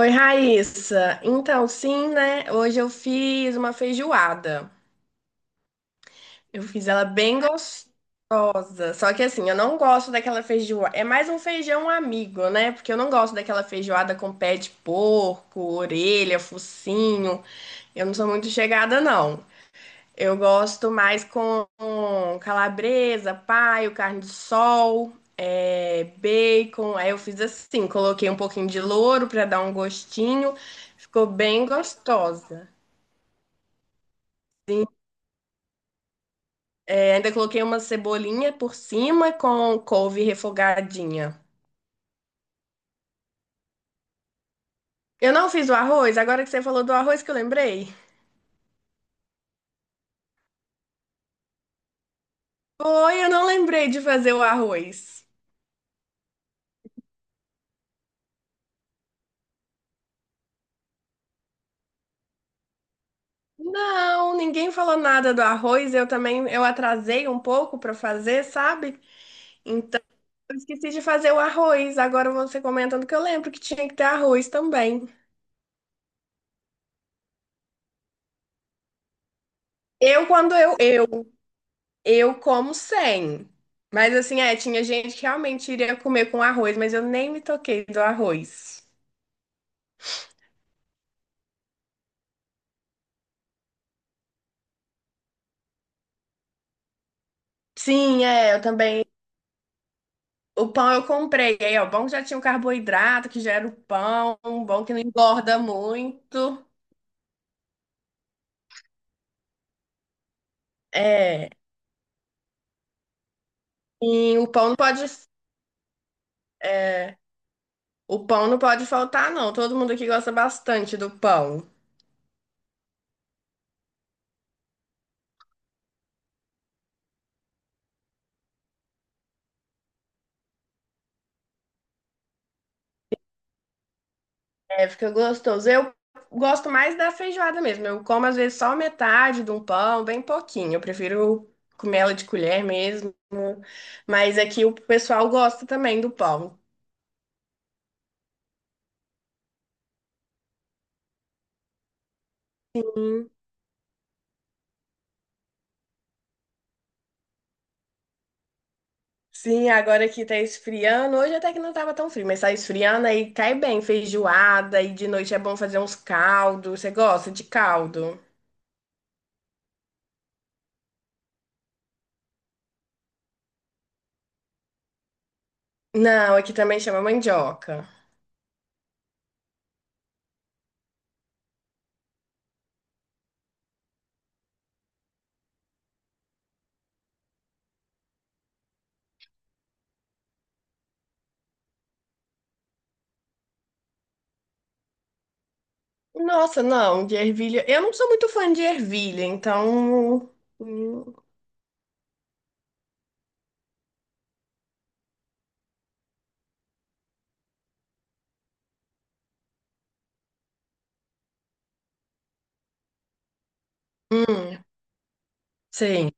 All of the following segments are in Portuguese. Oi, Raíssa. Então, sim, né? Hoje eu fiz uma feijoada. Eu fiz ela bem gostosa. Só que assim, eu não gosto daquela feijoada. É mais um feijão amigo, né? Porque eu não gosto daquela feijoada com pé de porco, orelha, focinho. Eu não sou muito chegada, não. Eu gosto mais com calabresa, paio, carne de sol, bacon. Aí eu fiz assim, coloquei um pouquinho de louro para dar um gostinho. Ficou bem gostosa. Sim, ainda coloquei uma cebolinha por cima com couve refogadinha. Eu não fiz o arroz, agora que você falou do arroz que eu lembrei. Foi, eu não lembrei de fazer o arroz. Não, ninguém falou nada do arroz. Eu também, eu atrasei um pouco para fazer, sabe? Eu esqueci de fazer o arroz, agora você comentando que eu lembro que tinha que ter arroz também. Eu, quando eu como sem. Mas assim, é, tinha gente que realmente iria comer com arroz, mas eu nem me toquei do arroz. Sim, é, eu também. O pão eu comprei. Aí, ó, bom que já tinha o carboidrato, que já era o pão, bom que não engorda muito. É. E o pão não pode. é, o pão não pode faltar, não. Todo mundo aqui gosta bastante do pão. É, fica gostoso. Eu gosto mais da feijoada mesmo. Eu como às vezes só metade de um pão, bem pouquinho. Eu prefiro comer ela de colher mesmo. Mas aqui o pessoal gosta também do pão. Hum. Sim, agora que tá esfriando. Hoje até que não tava tão frio, mas tá esfriando aí cai bem feijoada. E de noite é bom fazer uns caldos. Você gosta de caldo? Não, aqui também chama mandioca. Nossa, não, de ervilha. Eu não sou muito fã de ervilha, então. Hum, hum. Sim,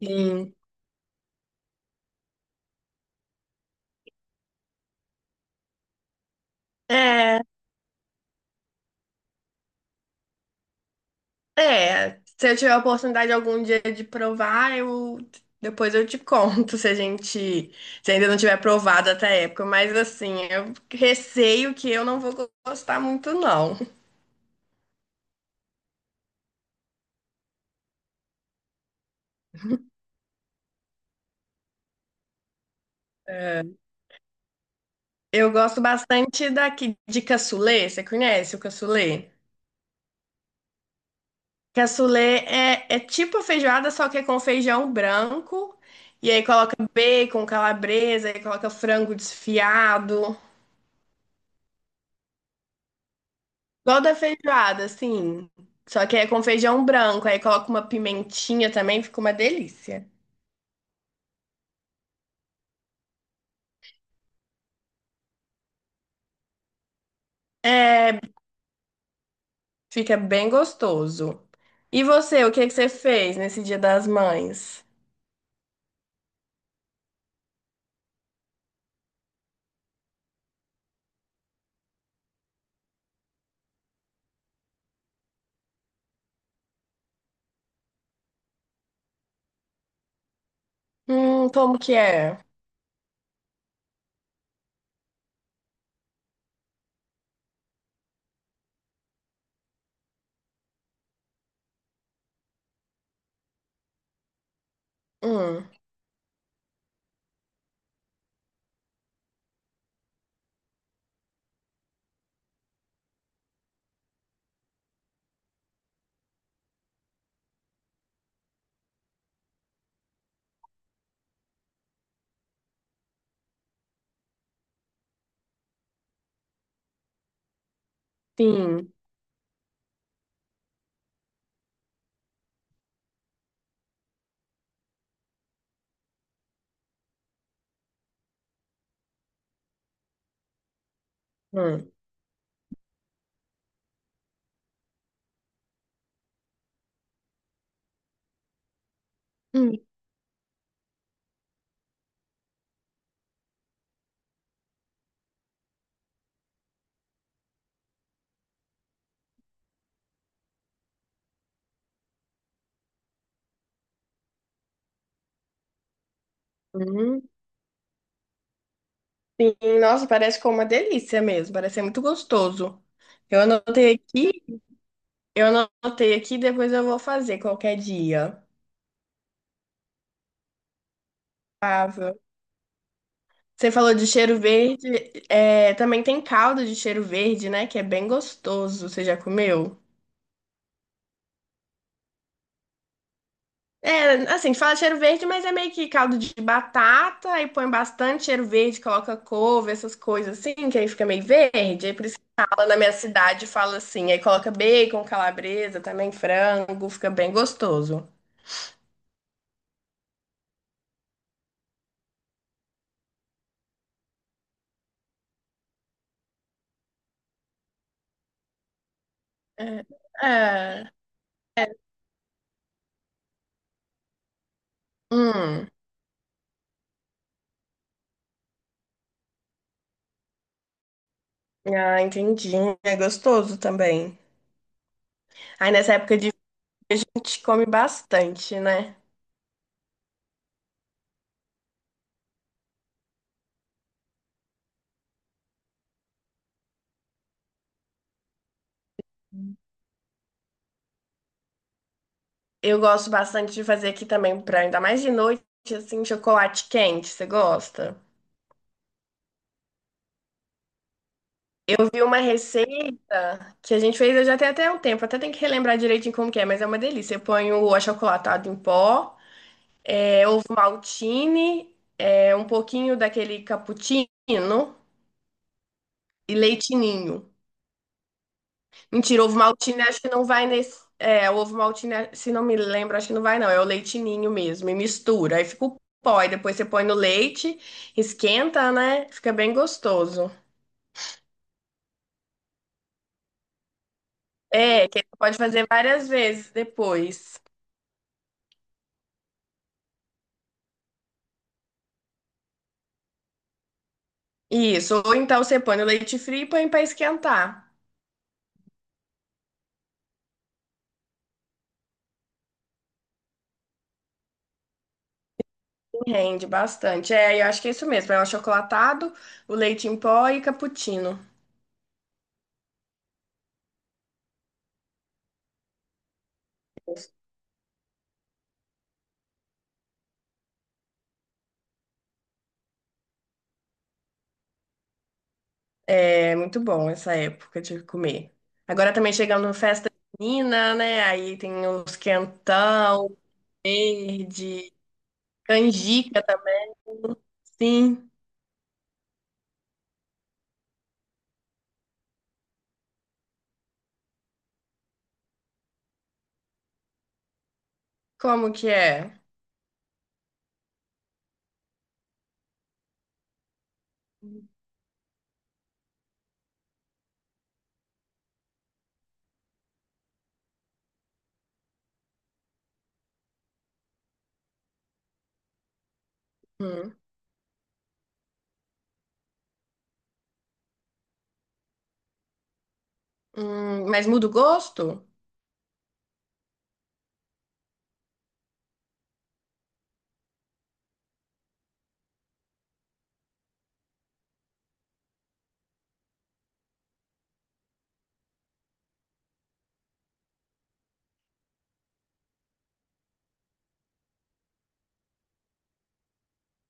sim. É, é. Se eu tiver a oportunidade algum dia de provar, eu depois eu te conto se a gente se ainda não tiver provado até a época. Mas assim, eu receio que eu não vou gostar muito, não. Eu gosto bastante daqui de cassoulet. Você conhece o cassoulet? Cassoulet é tipo a feijoada, só que é com feijão branco. E aí coloca bacon, calabresa, aí coloca frango desfiado. Igual da feijoada, assim. Só que é com feijão branco, aí coloca uma pimentinha também, fica uma delícia. É, fica bem gostoso. E você, o que que você fez nesse Dia das Mães? Como que é? Hum, sim. Hum, hum, hum, sim. Nossa, parece que é uma delícia mesmo, parece ser muito gostoso. Eu anotei aqui, eu anotei aqui, depois eu vou fazer qualquer dia. Você falou de cheiro verde, também tem caldo de cheiro verde, né? Que é bem gostoso. Você já comeu? É, assim, fala cheiro verde, mas é meio que caldo de batata, aí põe bastante cheiro verde, coloca couve, essas coisas assim, que aí fica meio verde. Aí por isso que fala na minha cidade, fala assim, aí coloca bacon, calabresa, também frango, fica bem gostoso. É, é, é, hum. Ah, entendi. É gostoso também. Aí nessa época de frio a gente come bastante, né? Eu gosto bastante de fazer aqui também, pra, ainda mais de noite, assim, chocolate quente. Você gosta? Eu vi uma receita que a gente fez, eu já tenho até um tempo, até tem que relembrar direitinho como que é, mas é uma delícia. Eu ponho o achocolatado em pó, ovo maltine, um pouquinho daquele cappuccino e leite ninho. Mentira, ovo maltine acho que não vai nesse. É, o ovo maltine, se não me lembro, acho que não vai não. É o leitinho mesmo. E mistura. Aí fica o pó. E depois você põe no leite, esquenta, né? Fica bem gostoso. É, que você pode fazer várias vezes depois. Isso. Ou então você põe no leite frio e põe pra esquentar. Rende bastante. É, eu acho que é isso mesmo. É o achocolatado, o leite em pó e cappuccino. É muito bom essa época de comer. Agora também chegando festa junina, né? Aí tem os quentão, verde, canjica também. Sim. Como que é? Hum. Mas muda o gosto?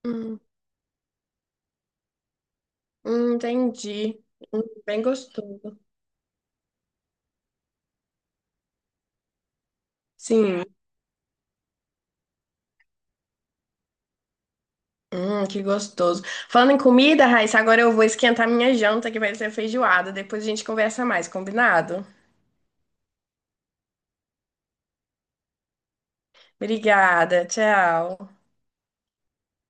Hum, entendi. Hum, bem gostoso. Sim. Que gostoso. Falando em comida, Raíssa, agora eu vou esquentar minha janta, que vai ser feijoada. Depois a gente conversa mais, combinado? Obrigada, tchau.